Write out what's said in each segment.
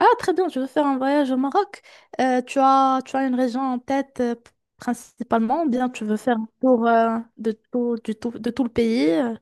Ah, très bien, je veux faire un voyage au Maroc. Tu as une région en tête principalement, ou bien tu veux faire un tour de tout le pays?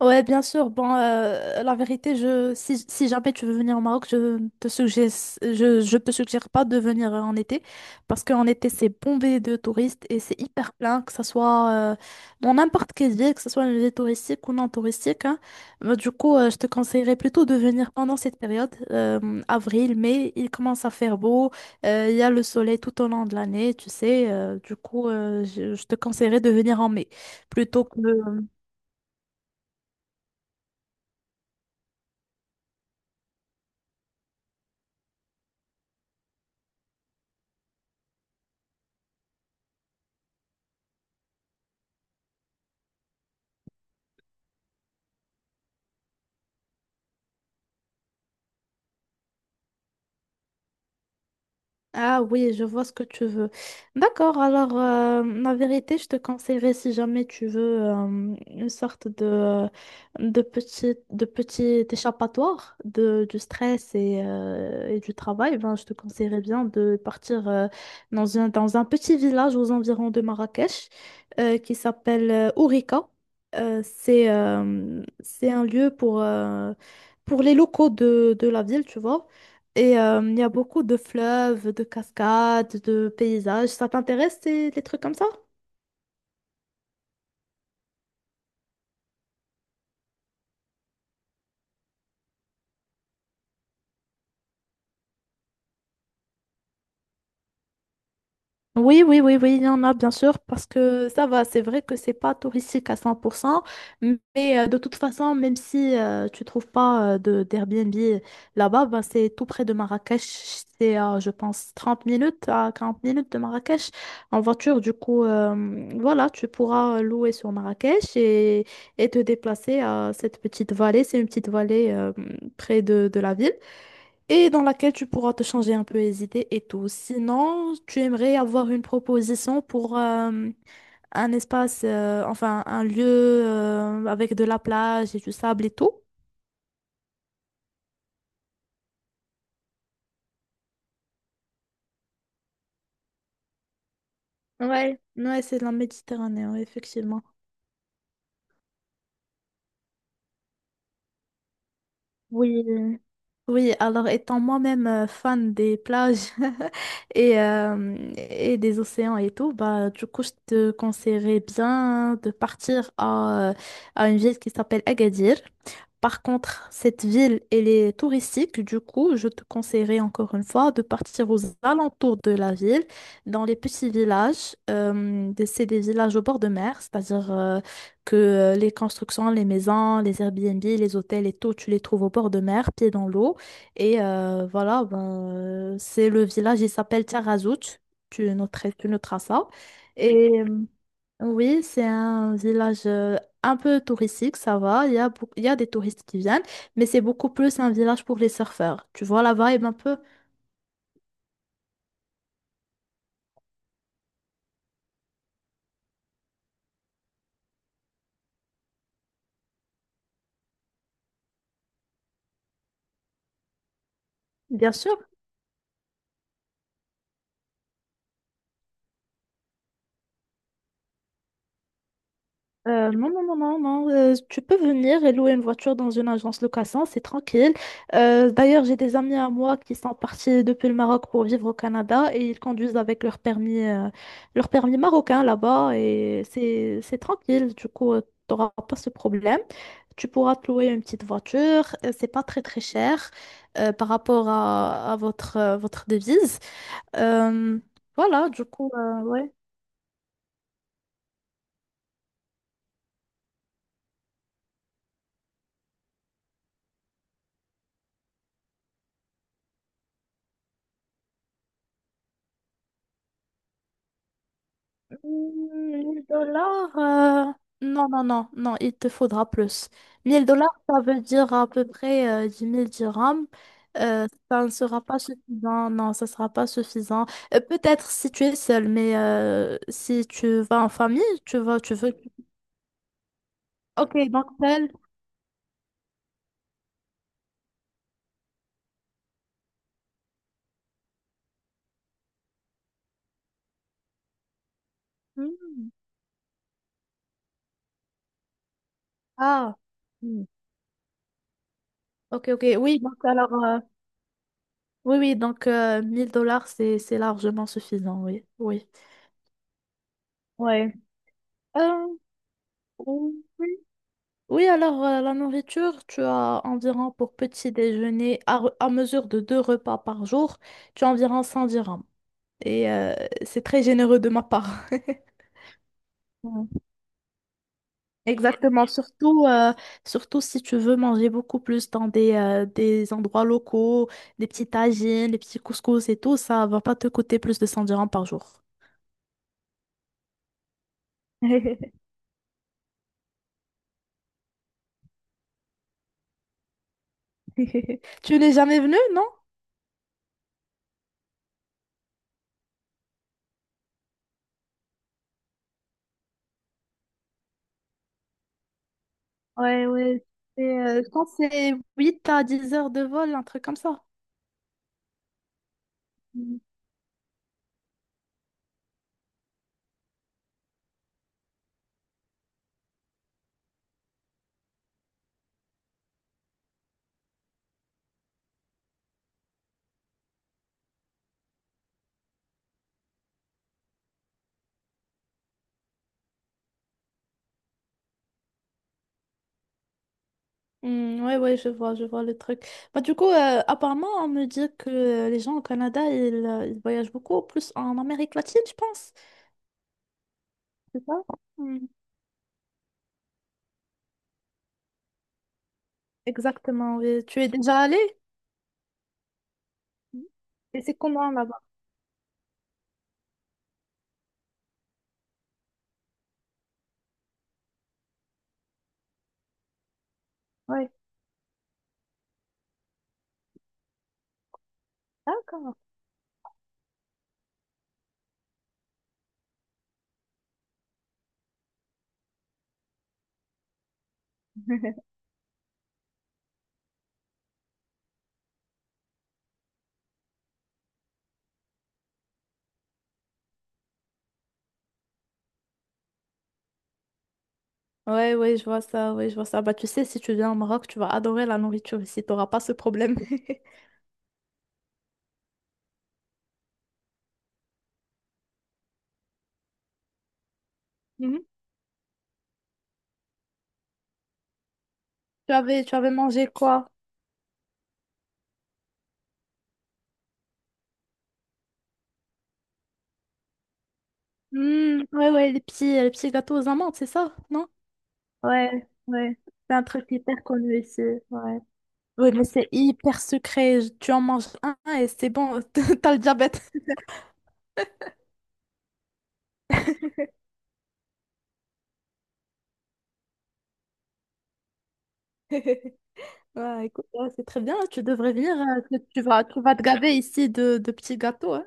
Ouais, bien sûr. Bon, la vérité, si jamais tu veux venir au Maroc, je te suggère pas de venir en été parce qu'en été, c'est bombé de touristes et c'est hyper plein, que ce soit dans n'importe quelle ville, que ce soit une ville touristique ou non touristique, hein. Mais du coup, je te conseillerais plutôt de venir pendant cette période, avril, mai, il commence à faire beau, il y a le soleil tout au long de l'année, tu sais. Je te conseillerais de venir en mai plutôt que... Ah oui, je vois ce que tu veux. D'accord, alors la vérité, je te conseillerais si jamais tu veux une sorte de petit échappatoire du stress et du travail, ben, je te conseillerais bien de partir dans un petit village aux environs de Marrakech qui s'appelle Ourika. C'est un lieu pour les locaux de la ville, tu vois. Et il y a beaucoup de fleuves, de cascades, de paysages. Ça t'intéresse, les trucs comme ça? Oui, oui, oui, oui, il y en a bien sûr, parce que ça va, c'est vrai que c'est pas touristique à 100%, mais de toute façon, même si tu trouves pas de d'Airbnb là-bas, ben, c'est tout près de Marrakech, c'est à, je pense 30 minutes à 40 minutes de Marrakech en voiture, du coup, voilà, tu pourras louer sur Marrakech et te déplacer à cette petite vallée, c'est une petite vallée près de la ville et dans laquelle tu pourras te changer un peu les idées et tout. Sinon, tu aimerais avoir une proposition pour un espace, enfin un lieu avec de la plage et du sable et tout. Ouais, ouais, c'est de la Méditerranée, ouais, effectivement. Oui. Oui, alors étant moi-même fan des plages et des océans et tout, bah du coup je te conseillerais bien de partir à une ville qui s'appelle Agadir. Par contre, cette ville, elle est touristique. Du coup, je te conseillerais encore une fois de partir aux alentours de la ville, dans les petits villages. C'est des villages au bord de mer, c'est-à-dire que les constructions, les maisons, les Airbnb, les hôtels et tout, tu les trouves au bord de mer, pieds dans l'eau. Et voilà, c'est le village, il s'appelle Tiarazout. Tu noteras ça. Et oui, c'est un village un peu touristique, ça va. Il y a des touristes qui viennent, mais c'est beaucoup plus un village pour les surfeurs. Tu vois la vibe un peu. Bien sûr. Non, non, non, non, non. Tu peux venir et louer une voiture dans une agence location, c'est tranquille. D'ailleurs, j'ai des amis à moi qui sont partis depuis le Maroc pour vivre au Canada et ils conduisent avec leur permis marocain là-bas et c'est tranquille. Du coup, tu n'auras pas ce problème. Tu pourras te louer une petite voiture. C'est pas très, très cher par rapport à votre devise. Euh, voilà, du coup, ouais. 1 000 dollars, non, non, non, non, il te faudra plus. 1 000 dollars, ça veut dire à peu près 10 000 dirhams. Ça ne sera pas suffisant, non, ça ne sera pas suffisant. Peut-être si tu es seul, mais si tu vas en famille, tu veux. Ok, donc seul. Hmm. Ah, Hmm. Ok, ok, oui, donc alors, oui, oui, donc 1 000 dollars, c'est largement suffisant, oui, oui. Ouais. Euh, oui. Oui, alors la nourriture, tu as environ pour petit déjeuner, à mesure de deux repas par jour, tu as environ 100 dirhams. Et c'est très généreux de ma part. Ouais. Exactement, surtout si tu veux manger beaucoup plus dans des endroits locaux, des petits tagines, des petits couscous et tout, ça va pas te coûter plus de 100 dirhams par jour. Tu n'es jamais venu, non? Ouais, ouais. Je pense que c'est 8 à 10 heures de vol, un truc comme ça. Hmm, ouais, ouais, je vois le truc. Bah, du coup, apparemment, on me dit que les gens au Canada, ils voyagent beaucoup, plus en Amérique latine, je pense. C'est ça? Hmm. Exactement, oui. Tu es déjà allé? Et c'est comment là-bas? Ouais. D'accord. Ouais, ouais, je vois ça, ouais, je vois ça. Bah, tu sais, si tu viens au Maroc, tu vas adorer la nourriture ici, t'auras pas ce problème. Mhm. Tu avais mangé quoi? Hmm, ouais, ouais, les petits gâteaux aux amandes, c'est ça, non? Ouais, ouais. C'est un truc hyper connu ici, ouais. Oui, mais c'est hyper secret. Tu en manges un et c'est bon, t'as le diabète. Ouais, écoute, ouais, c'est très bien. Tu devrais venir. Que Tu vas te gaver ici de petits gâteaux, hein.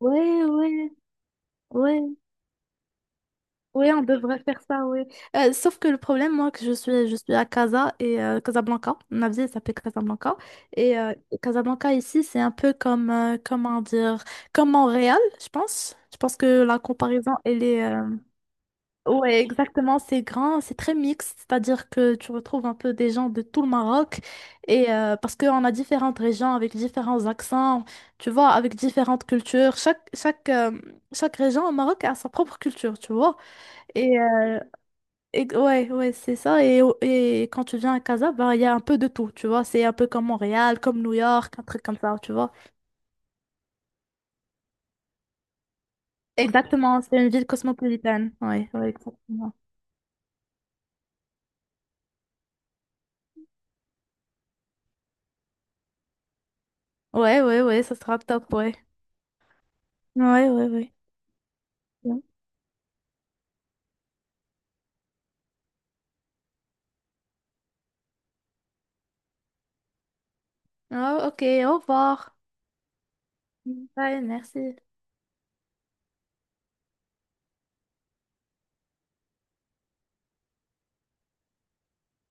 Ouais, ouais, ouais, ouais, on devrait faire ça, ouais. Sauf que le problème, moi, je suis à Casablanca. Ma ville s'appelle Casablanca. Et Casablanca ici, c'est un peu comment dire, comme Montréal, je pense. Je pense que la comparaison, elle est. Ouais, exactement, c'est grand, c'est très mixte, c'est-à-dire que tu retrouves un peu des gens de tout le Maroc, parce qu'on a différentes régions avec différents accents, tu vois, avec différentes cultures. Chaque région au Maroc a sa propre culture, tu vois. Et, euh, ouais, ouais, c'est ça. Et quand tu viens à Casa, bah, il y a un peu de tout, tu vois. C'est un peu comme Montréal, comme New York, un truc comme ça, tu vois. Exactement, c'est une ville cosmopolitaine. Ouais, ouais, exactement. Ouais, ouais, ouais, ça sera top, ouais. Ouais, ouais, ouais. Oh, ok, au revoir. Bye, merci.